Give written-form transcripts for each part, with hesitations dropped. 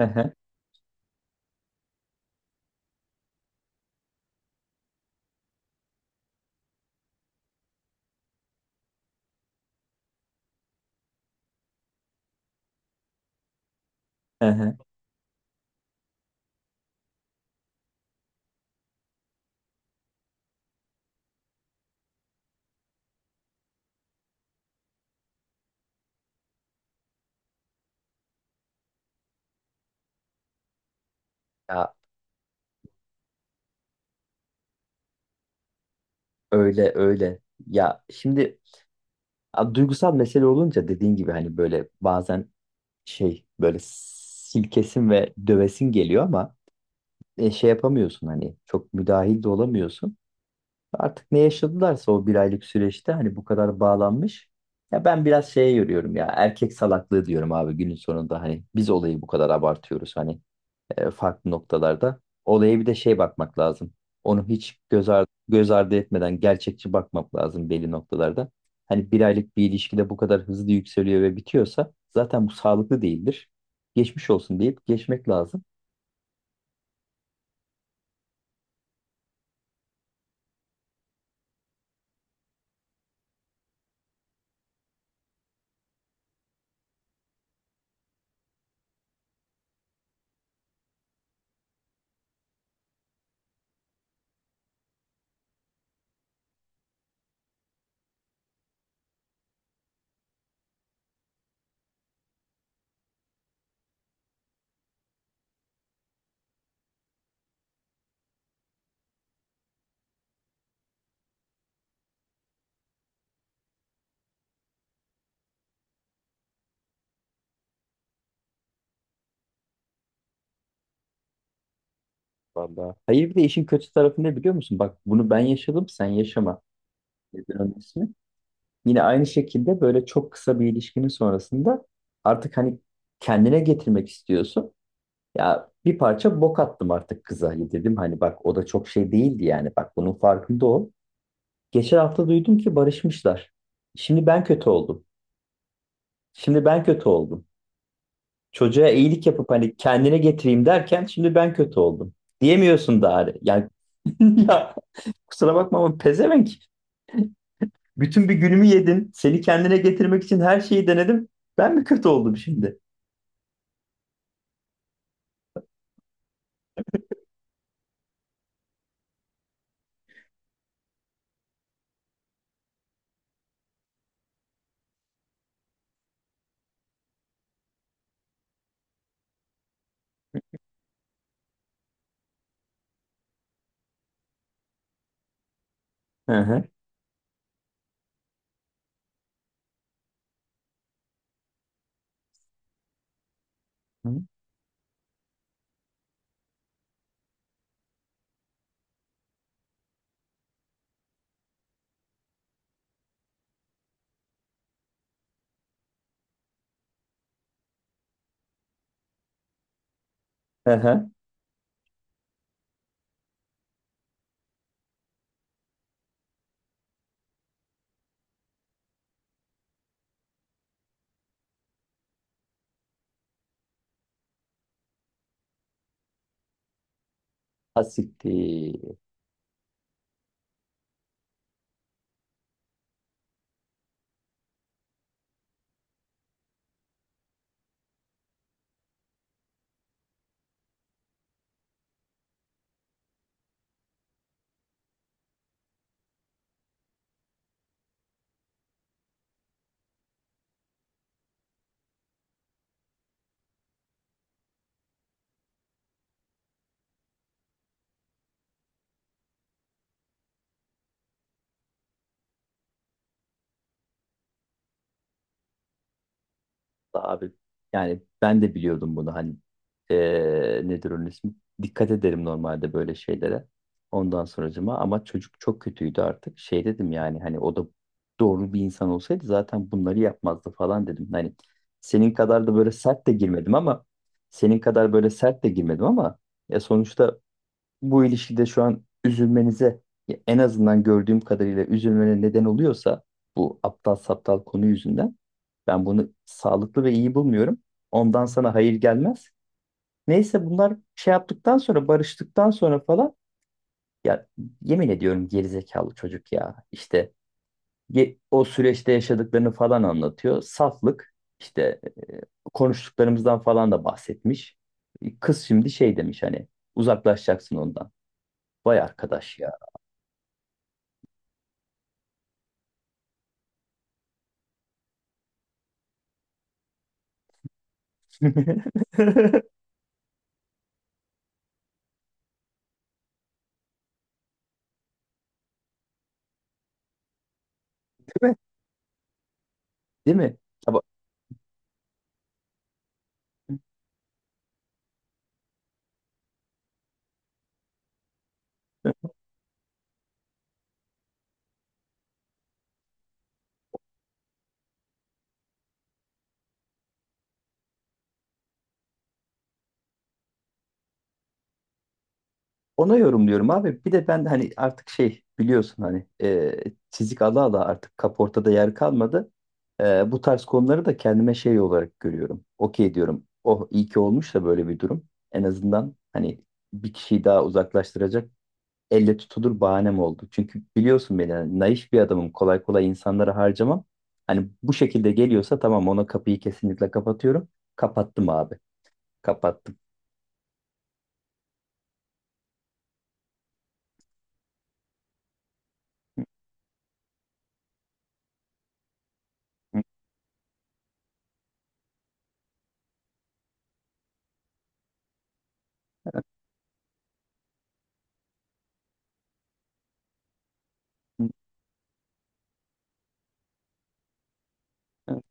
Hı hı, hı hı. Ya öyle öyle. Ya şimdi ya duygusal mesele olunca dediğin gibi hani böyle bazen şey böyle silkesin ve dövesin geliyor ama şey yapamıyorsun hani çok müdahil de olamıyorsun. Artık ne yaşadılarsa o bir aylık süreçte hani bu kadar bağlanmış. Ya ben biraz şeye yoruyorum ya erkek salaklığı diyorum abi günün sonunda hani biz olayı bu kadar abartıyoruz hani farklı noktalarda. Olaya bir de şey bakmak lazım. Onu hiç göz ardı etmeden gerçekçi bakmak lazım belli noktalarda. Hani bir aylık bir ilişkide bu kadar hızlı yükseliyor ve bitiyorsa zaten bu sağlıklı değildir. Geçmiş olsun deyip geçmek lazım. Vallahi. Hayır bir de işin kötü tarafı ne biliyor musun? Bak bunu ben yaşadım, sen yaşama. Nedir onun ismi? Yine aynı şekilde böyle çok kısa bir ilişkinin sonrasında artık hani kendine getirmek istiyorsun. Ya bir parça bok attım artık kıza. Hani dedim hani bak o da çok şey değildi yani. Bak bunun farkında ol. Geçen hafta duydum ki barışmışlar. Şimdi ben kötü oldum. Şimdi ben kötü oldum. Çocuğa iyilik yapıp hani kendine getireyim derken şimdi ben kötü oldum. Diyemiyorsun da hani. Yani ya kusura bakma ama pezevenk. Bütün bir günümü yedin. Seni kendine getirmek için her şeyi denedim. Ben mi kötü oldum şimdi? Hı hı. Hı hı. Ha siktir. Abi yani ben de biliyordum bunu hani nedir onun ismi? Dikkat ederim normalde böyle şeylere. Ondan sonracıma ama çocuk çok kötüydü artık. Şey dedim yani hani o da doğru bir insan olsaydı zaten bunları yapmazdı falan dedim. Hani senin kadar da böyle sert de girmedim ama senin kadar böyle sert de girmedim ama ya sonuçta bu ilişkide şu an üzülmenize ya en azından gördüğüm kadarıyla üzülmene neden oluyorsa bu aptal saptal konu yüzünden ben bunu sağlıklı ve iyi bulmuyorum. Ondan sana hayır gelmez. Neyse bunlar şey yaptıktan sonra barıştıktan sonra falan ya yemin ediyorum gerizekalı çocuk ya. İşte o süreçte yaşadıklarını falan anlatıyor. Saflık işte e, konuştuklarımızdan falan da bahsetmiş. E, kız şimdi şey demiş hani uzaklaşacaksın ondan. Vay arkadaş ya. Değil mi? Değil mi? Ya bak, ona yorumluyorum abi. Bir de ben hani artık şey biliyorsun hani çizik ala ala artık kaportada yer kalmadı. E, bu tarz konuları da kendime şey olarak görüyorum. Okey diyorum. Oh iyi ki olmuş da böyle bir durum. En azından hani bir kişiyi daha uzaklaştıracak elle tutulur bahanem oldu. Çünkü biliyorsun beni hani naif bir adamım. Kolay kolay insanlara harcamam. Hani bu şekilde geliyorsa tamam ona kapıyı kesinlikle kapatıyorum. Kapattım abi. Kapattım. Evet.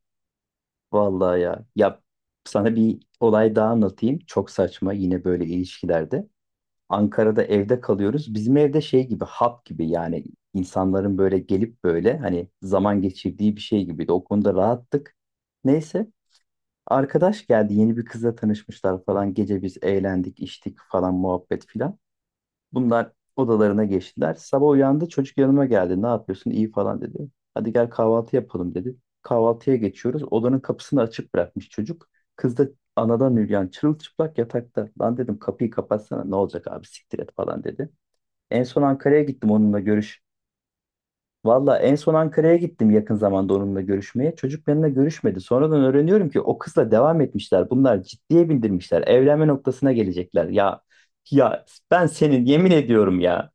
Vallahi ya. Ya sana bir olay daha anlatayım. Çok saçma yine böyle ilişkilerde. Ankara'da evde kalıyoruz. Bizim evde şey gibi hap gibi yani insanların böyle gelip böyle hani zaman geçirdiği bir şey gibiydi. O konuda rahattık. Neyse arkadaş geldi, yeni bir kızla tanışmışlar falan. Gece biz eğlendik, içtik falan, muhabbet filan. Bunlar odalarına geçtiler. Sabah uyandı çocuk, yanıma geldi. Ne yapıyorsun? İyi falan dedi. Hadi gel kahvaltı yapalım dedi. Kahvaltıya geçiyoruz. Odanın kapısını açık bırakmış çocuk. Kız da anadan üryan çırılçıplak yatakta. Lan dedim kapıyı kapatsana, ne olacak abi, siktir et falan dedi. En son Ankara'ya gittim onunla görüş. Valla en son Ankara'ya gittim yakın zamanda onunla görüşmeye. Çocuk benimle görüşmedi. Sonradan öğreniyorum ki o kızla devam etmişler. Bunlar ciddiye bindirmişler. Evlenme noktasına gelecekler. Ya ben senin yemin ediyorum ya.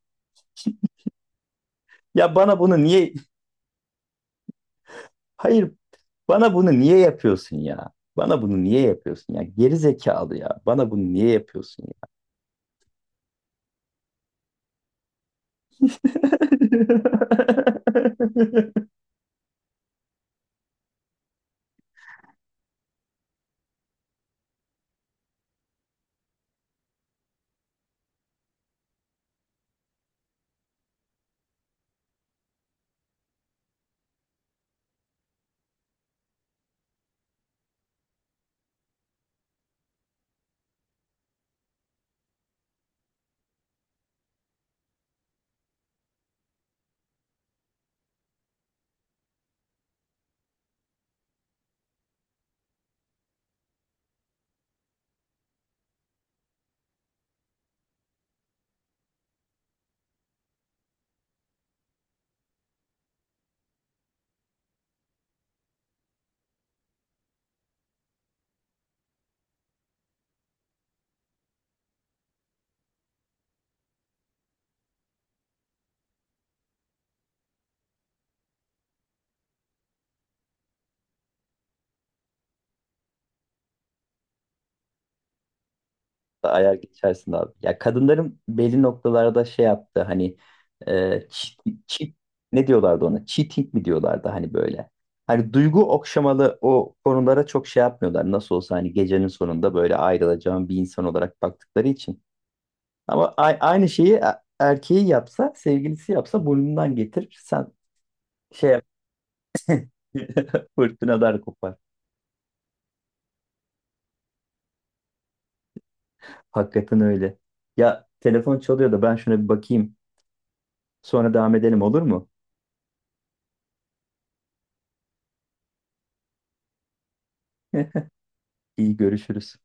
Ya bana bunu niye hayır bana bunu niye yapıyorsun ya? Bana bunu niye yapıyorsun ya? Geri zekalı ya. Bana bunu niye yapıyorsun ya? Ayar geçersin abi. Ya kadınların belli noktalarda şey yaptı hani e, cheat, cheat- ne diyorlardı ona? Cheating mi diyorlardı hani böyle. Hani duygu okşamalı o konulara çok şey yapmıyorlar. Nasıl olsa hani gecenin sonunda böyle ayrılacağım bir insan olarak baktıkları için. Aynı şeyi erkeği yapsa, sevgilisi yapsa burnundan getirir. Sen şey yap. Fırtınalar kopar. Hakikaten öyle. Ya telefon çalıyor da ben şuna bir bakayım. Sonra devam edelim olur mu? İyi görüşürüz.